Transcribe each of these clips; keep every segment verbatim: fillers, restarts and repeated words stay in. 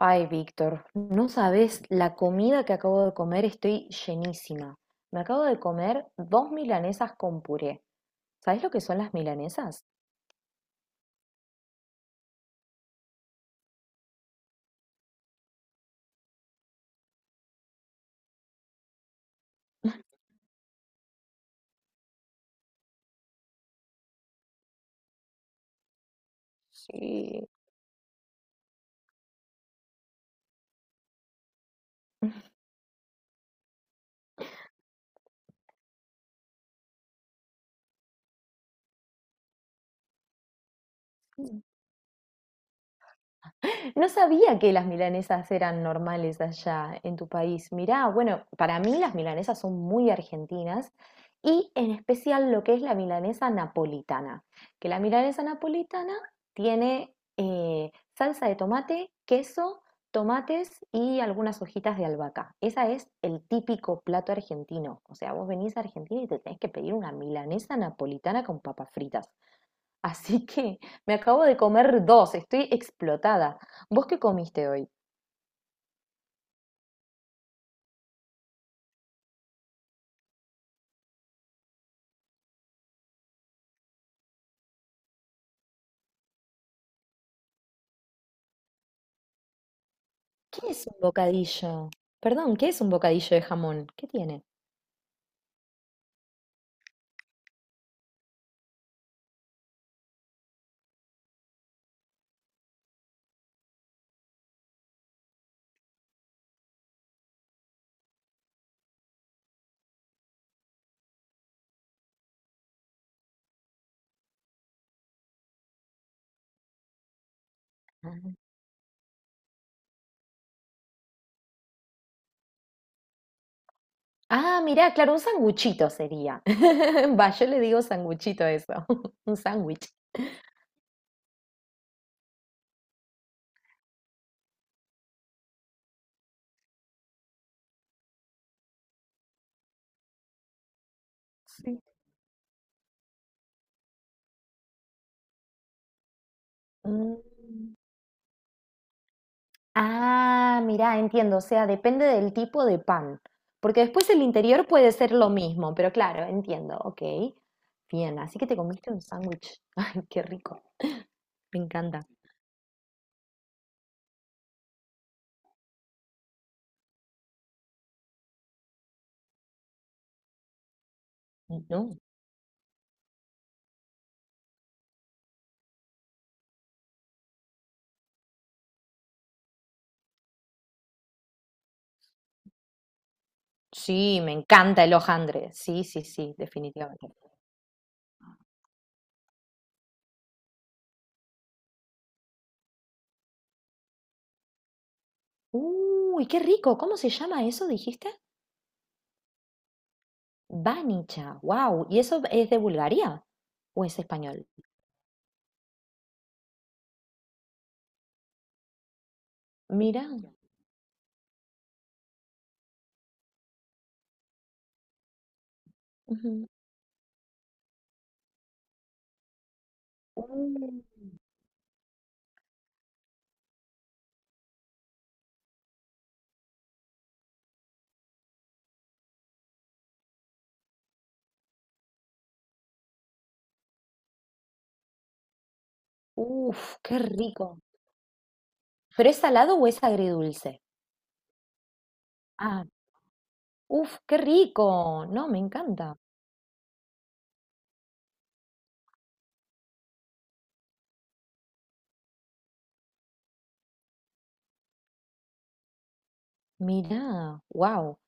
Ay, Víctor, no sabes la comida que acabo de comer, estoy llenísima. Me acabo de comer dos milanesas con puré. ¿Sabes lo que son las milanesas? Sí. No sabía que las milanesas eran normales allá en tu país. Mirá, bueno, para mí las milanesas son muy argentinas y en especial lo que es la milanesa napolitana, que la milanesa napolitana tiene eh, salsa de tomate, queso, tomates y algunas hojitas de albahaca. Esa es el típico plato argentino. O sea, vos venís a Argentina y te tenés que pedir una milanesa napolitana con papas fritas. Así que me acabo de comer dos, estoy explotada. ¿Vos qué comiste hoy? ¿Qué es un bocadillo? Perdón, ¿qué es un bocadillo de jamón? ¿Qué tiene? Ah. Ah, mirá, claro, un sanguchito sería. Va, yo le digo sanguchito a eso, un sándwich. Sí. Mm. Ah, mirá, entiendo, o sea, depende del tipo de pan, porque después el interior puede ser lo mismo, pero claro, entiendo, ok. Bien, así que te comiste un sándwich. Ay, qué rico. Me encanta. Mm. ¿No? Sí, me encanta el hojaldre. Sí, sí, sí, definitivamente. Uy, qué rico. ¿Cómo se llama eso, dijiste? Banicha. Wow. ¿Y eso es de Bulgaria o es español? Mira. Ujú. Uh. Uf, qué rico. ¿Pero es salado o es agridulce? Ah, uf, qué rico. No, me encanta. Mira. Wow.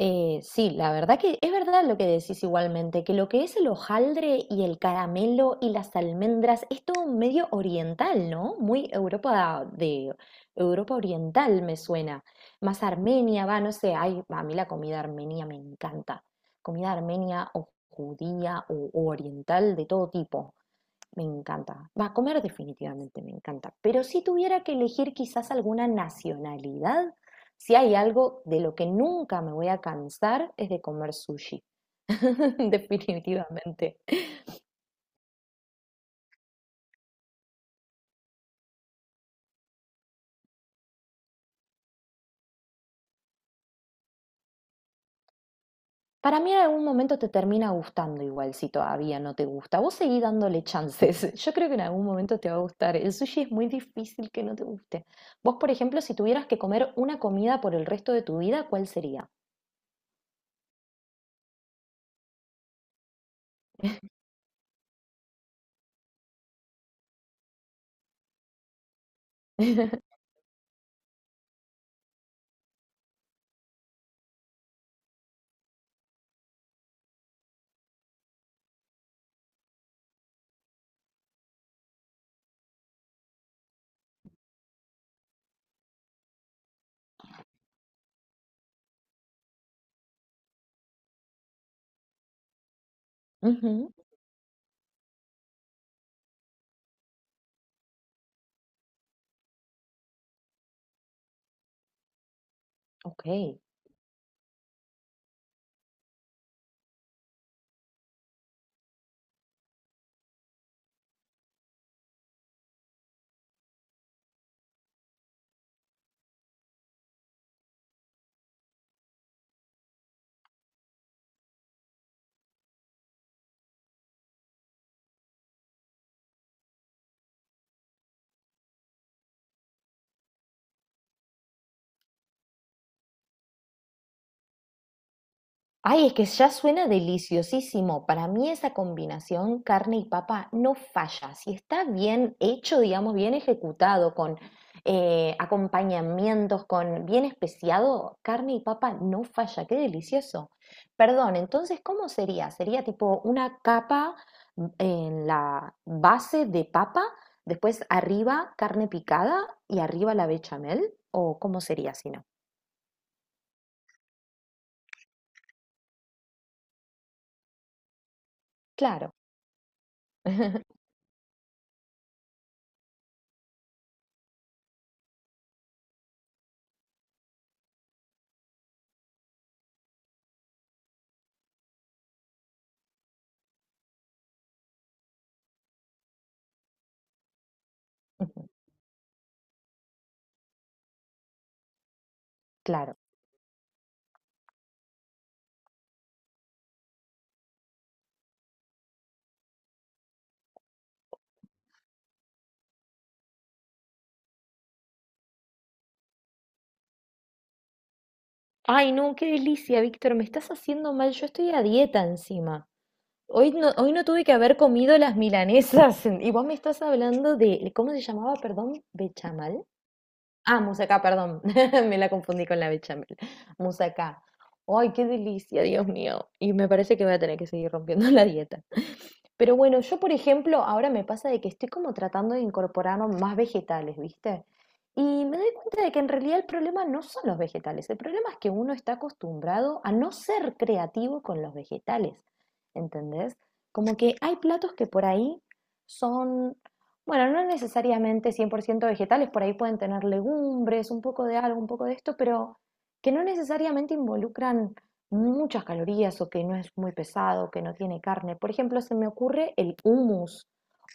Eh, sí, la verdad que es verdad lo que decís igualmente, que lo que es el hojaldre y el caramelo y las almendras es todo medio oriental, ¿no? Muy Europa de Europa oriental me suena. Más Armenia, va, no sé, ay, a mí la comida armenia me encanta. Comida armenia o judía o o oriental de todo tipo. Me encanta. Va a comer definitivamente, me encanta. Pero si tuviera que elegir quizás alguna nacionalidad, si hay algo de lo que nunca me voy a cansar es de comer sushi. Definitivamente. Para mí en algún momento te termina gustando igual si todavía no te gusta. Vos seguí dándole chances. Yo creo que en algún momento te va a gustar. El sushi es muy difícil que no te guste. Vos, por ejemplo, si tuvieras que comer una comida por el resto de tu vida, ¿cuál sería? Ujú, ok. Ay, es que ya suena deliciosísimo. Para mí esa combinación carne y papa no falla. Si está bien hecho, digamos, bien ejecutado, con eh, acompañamientos, con bien especiado, carne y papa no falla. Qué delicioso. Perdón, entonces, ¿cómo sería? Sería tipo una capa, mm, en la base de papa, después arriba carne picada y arriba la bechamel, ¿o cómo sería si no? Claro, claro. Ay, no, qué delicia, Víctor, me estás haciendo mal. Yo estoy a dieta encima. Hoy no, hoy no tuve que haber comido las milanesas. Y vos me estás hablando de, ¿cómo se llamaba? Perdón, bechamal. Ah, musacá, perdón. Me la confundí con la bechamel. Musacá. Ay, qué delicia, Dios mío. Y me parece que voy a tener que seguir rompiendo la dieta. Pero bueno, yo por ejemplo, ahora me pasa de que estoy como tratando de incorporar más vegetales, ¿viste? Y me doy cuenta de que en realidad el problema no son los vegetales, el problema es que uno está acostumbrado a no ser creativo con los vegetales, ¿entendés? Como que hay platos que por ahí son, bueno, no necesariamente cien por ciento vegetales, por ahí pueden tener legumbres, un poco de algo, un poco de esto, pero que no necesariamente involucran muchas calorías o que no es muy pesado, que no tiene carne. Por ejemplo, se me ocurre el hummus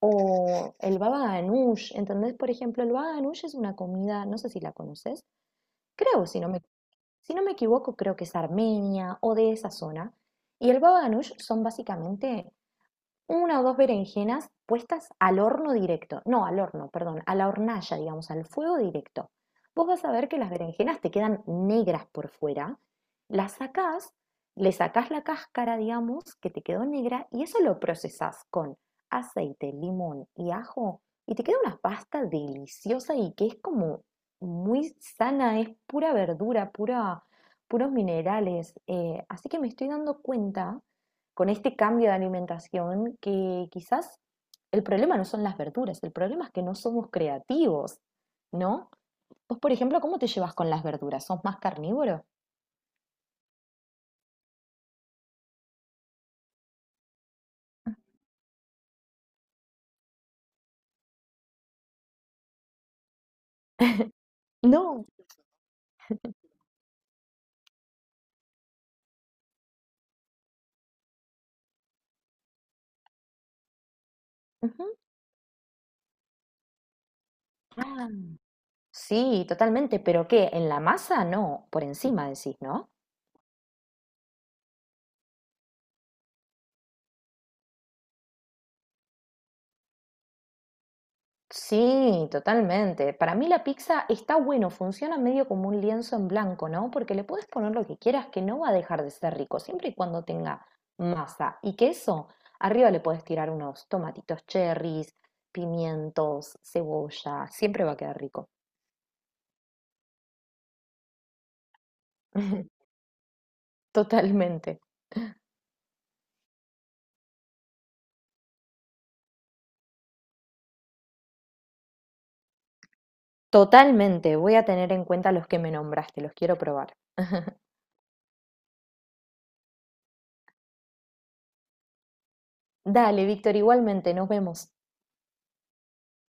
o el baba ganoush, ¿entendés? Por ejemplo, el baba ganoush es una comida, no sé si la conoces, creo, si no me, si no me equivoco, creo que es Armenia o de esa zona. Y el baba ganoush son básicamente una o dos berenjenas puestas al horno directo, no al horno, perdón, a la hornalla, digamos, al fuego directo. Vos vas a ver que las berenjenas te quedan negras por fuera, las sacás, le sacás la cáscara, digamos, que te quedó negra, y eso lo procesás con aceite, limón y ajo, y te queda una pasta deliciosa y que es como muy sana, es pura verdura, pura, puros minerales. Eh, así que me estoy dando cuenta con este cambio de alimentación que quizás el problema no son las verduras, el problema es que no somos creativos, ¿no? Vos, por ejemplo, ¿cómo te llevas con las verduras? ¿Sos más carnívoro? No. Ujú. Ah, sí, totalmente, pero ¿qué? ¿En la masa? No, por encima decís, ¿no? Sí, totalmente. Para mí la pizza está bueno, funciona medio como un lienzo en blanco, ¿no? Porque le puedes poner lo que quieras, que no va a dejar de ser rico, siempre y cuando tenga masa y queso. Arriba le puedes tirar unos tomatitos cherries, pimientos, cebolla, siempre va a quedar rico. Totalmente, totalmente. Voy a tener en cuenta los que me nombraste, los quiero probar. Dale, Víctor, igualmente, nos vemos.